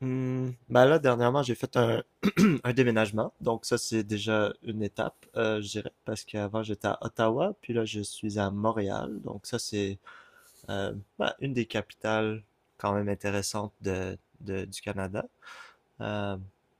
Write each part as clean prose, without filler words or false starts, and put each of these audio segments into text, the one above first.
Hmm, ben là, dernièrement, j'ai fait un déménagement. Donc ça, c'est déjà une étape, je dirais, parce qu'avant, j'étais à Ottawa, puis là, je suis à Montréal. Donc ça, c'est euh, ben, une des capitales quand même intéressantes du Canada. Euh,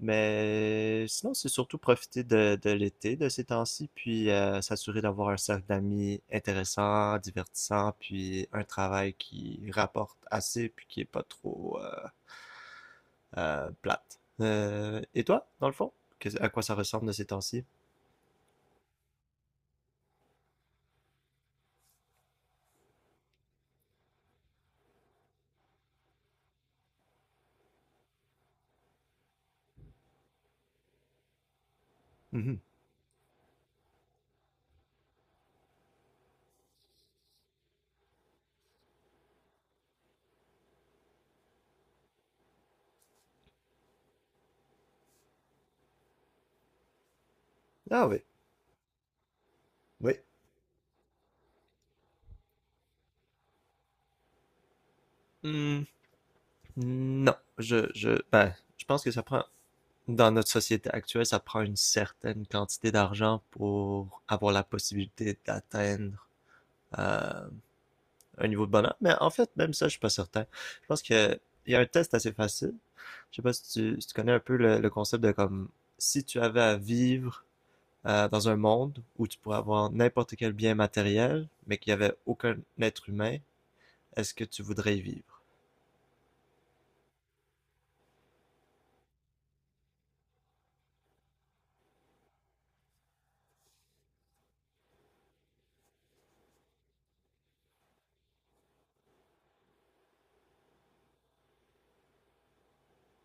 mais sinon, c'est surtout profiter de l'été de ces temps-ci, puis s'assurer d'avoir un cercle d'amis intéressant, divertissant, puis un travail qui rapporte assez, puis qui est pas trop plate. Et toi, dans le fond? À quoi ça ressemble de ces temps-ci? Mhm. Ah oui, oui. Hmm, non, ben, je pense que dans notre société actuelle, ça prend une certaine quantité d'argent pour avoir la possibilité d'atteindre euh, un niveau de bonheur. Mais en fait, même ça, je suis pas certain. Je pense que il y a un test assez facile. Je sais pas si si tu connais un peu le concept de comme si tu avais à vivre dans un monde où tu pourrais avoir n'importe quel bien matériel, mais qu'il n'y avait aucun être humain, est-ce que tu voudrais y vivre?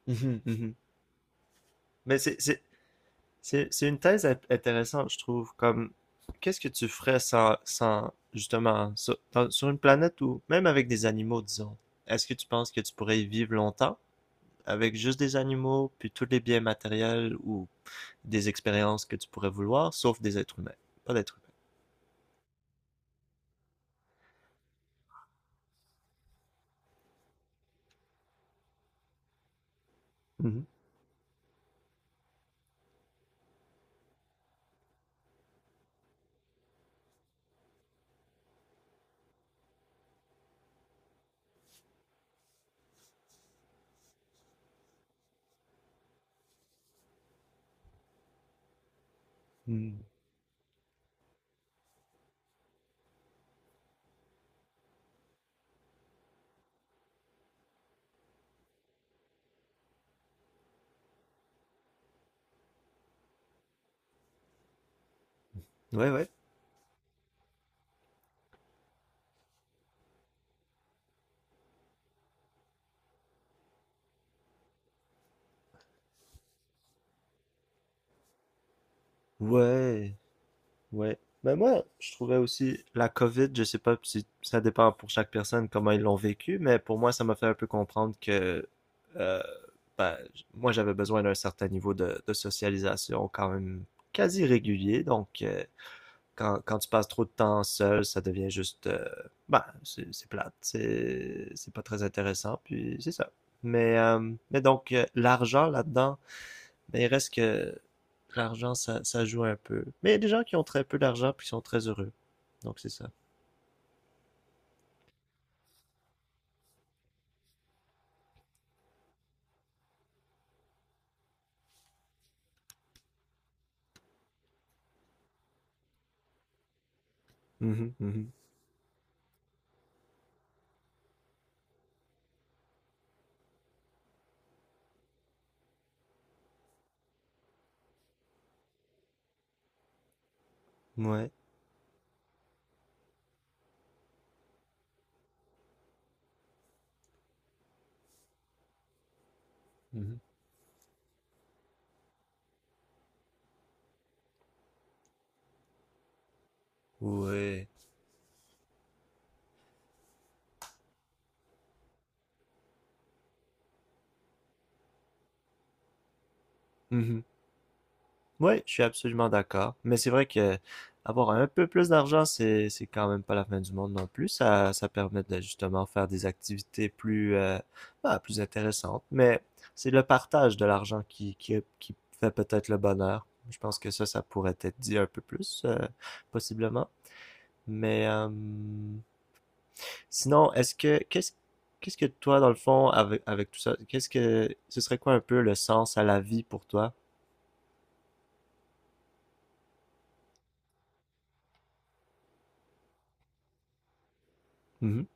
Mhm. Mhm. Mais c'est une thèse intéressante, je trouve, comme qu'est-ce que tu ferais sans justement, sur une planète où, même avec des animaux, disons, est-ce que tu penses que tu pourrais y vivre longtemps avec juste des animaux, puis tous les biens matériels ou des expériences que tu pourrais vouloir, sauf des êtres humains, pas d'êtres humains. Mhm. Mhm. Ouais, ouais. Ouais. Ouais. Mais moi, je trouvais aussi la COVID, je sais pas si ça dépend pour chaque personne comment ils l'ont vécu, mais pour moi, ça m'a fait un peu comprendre que euh, ben, moi, j'avais besoin d'un certain niveau de socialisation quand même quasi régulier. Donc, quand tu passes trop de temps seul, ça devient juste ben, c'est plate, c'est pas très intéressant, puis c'est ça. Mais donc, l'argent là-dedans, mais il reste que l'argent, ça joue un peu. Mais il y a des gens qui ont très peu d'argent puis qui sont très heureux. Donc c'est ça. Mhm, mhm. Ouais. Mhm. Ouais. Mhm. Ouais, je suis absolument d'accord. Mais c'est vrai que avoir un peu plus d'argent, c'est quand même pas la fin du monde non plus. Ça permet de justement faire des activités plus, bah, plus intéressantes. Mais c'est le partage de l'argent qui fait peut-être le bonheur. Je pense que ça pourrait être dit un peu plus, possiblement. Mais sinon, est-ce que qu'est-ce qu'est-ce que toi, dans le fond, avec tout ça, qu'est-ce que ce serait quoi un peu le sens à la vie pour toi? Mhm,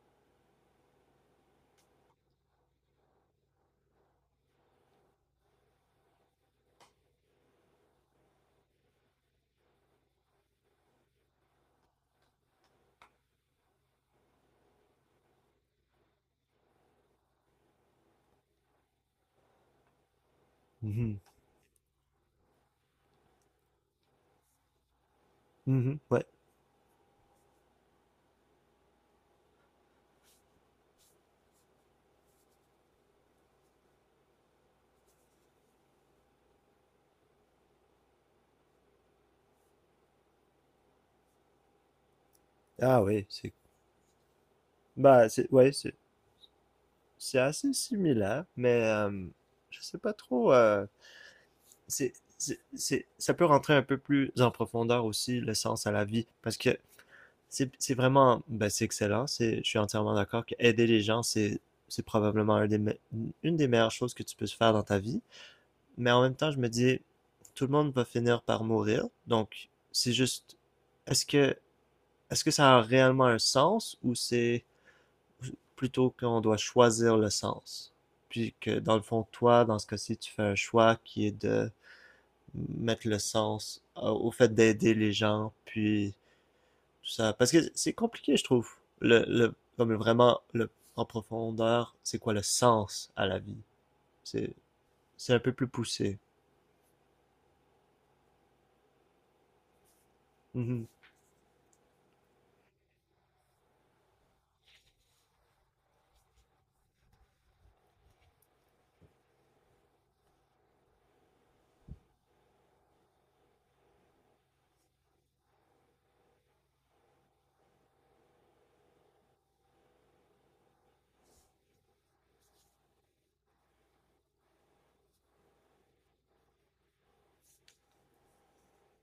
mhm, mhm, ouais. Ah oui, c'est bah c'est ouais, c'est assez similaire, mais je sais pas trop. C'est Ça peut rentrer un peu plus en profondeur aussi le sens à la vie, parce que c'est vraiment bah c'est excellent. C'est je suis entièrement d'accord que aider les gens c'est probablement une des meilleures choses que tu peux faire dans ta vie. Mais en même temps, je me dis, tout le monde va finir par mourir. Donc, c'est juste, est-ce que, est-ce que ça a réellement un sens ou c'est plutôt qu'on doit choisir le sens? Puis que dans le fond, toi, dans ce cas-ci, tu fais un choix qui est de mettre le sens au fait d'aider les gens, puis tout ça. Parce que c'est compliqué, je trouve. Comme vraiment, le, en profondeur, c'est quoi le sens à la vie? C'est, c'est un peu plus poussé. Mm -hmm.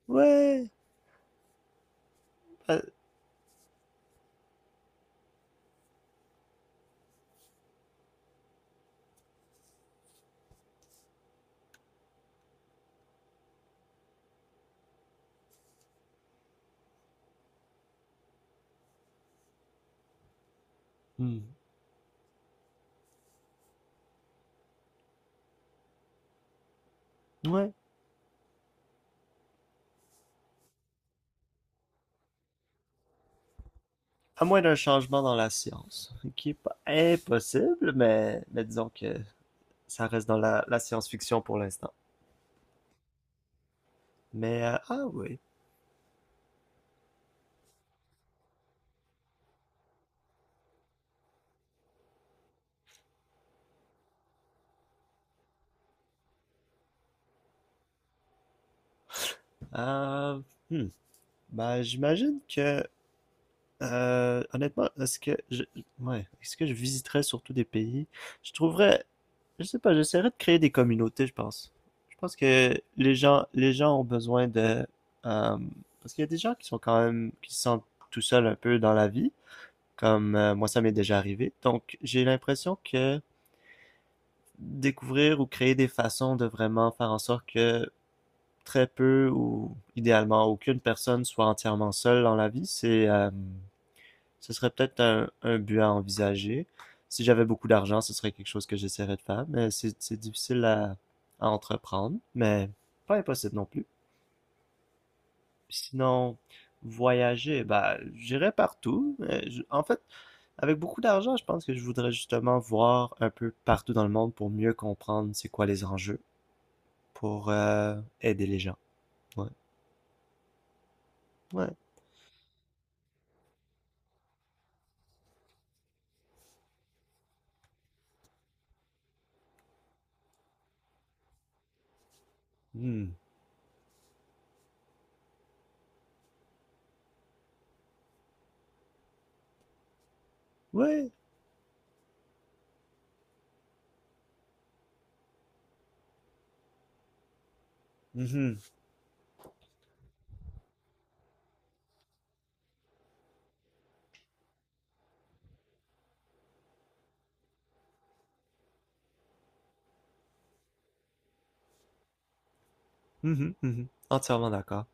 Ouais. Euh, mm. Ouais, à moins d'un changement dans la science, qui est pas impossible, mais disons que ça reste dans la science-fiction pour l'instant. Ah oui. euh, hmm. Ben, j'imagine que, honnêtement, ouais, est-ce que je visiterais surtout des pays? Je trouverais, je sais pas, j'essaierais de créer des communautés, je pense. Je pense que les gens ont besoin de, euh, parce qu'il y a des gens qui sont quand même, qui se sentent tout seuls un peu dans la vie, comme moi ça m'est déjà arrivé. Donc j'ai l'impression que découvrir ou créer des façons de vraiment faire en sorte que très peu ou idéalement aucune personne soit entièrement seule dans la vie, c'est ce serait peut-être un but à envisager. Si j'avais beaucoup d'argent, ce serait quelque chose que j'essaierais de faire, mais c'est difficile à entreprendre, mais pas impossible non plus. Sinon, voyager, bah, j'irais partout. Mais en fait, avec beaucoup d'argent, je pense que je voudrais justement voir un peu partout dans le monde pour mieux comprendre c'est quoi les enjeux, pour aider les gens. Ouais, ouais. Hmm. Ouais. Mhm. Mhm. Mhm. Entièrement d'accord.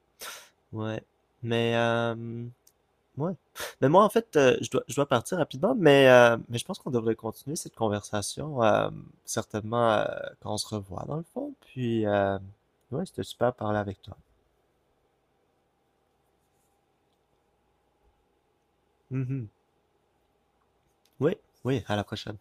Ouais, mais euh, ouais. Mais moi, en fait, je dois partir rapidement, mais je pense qu'on devrait continuer cette conversation, certainement, quand on se revoit, dans le fond. Puis, ouais, c'était super de parler avec toi. Mhm. Oui, oui, à la prochaine.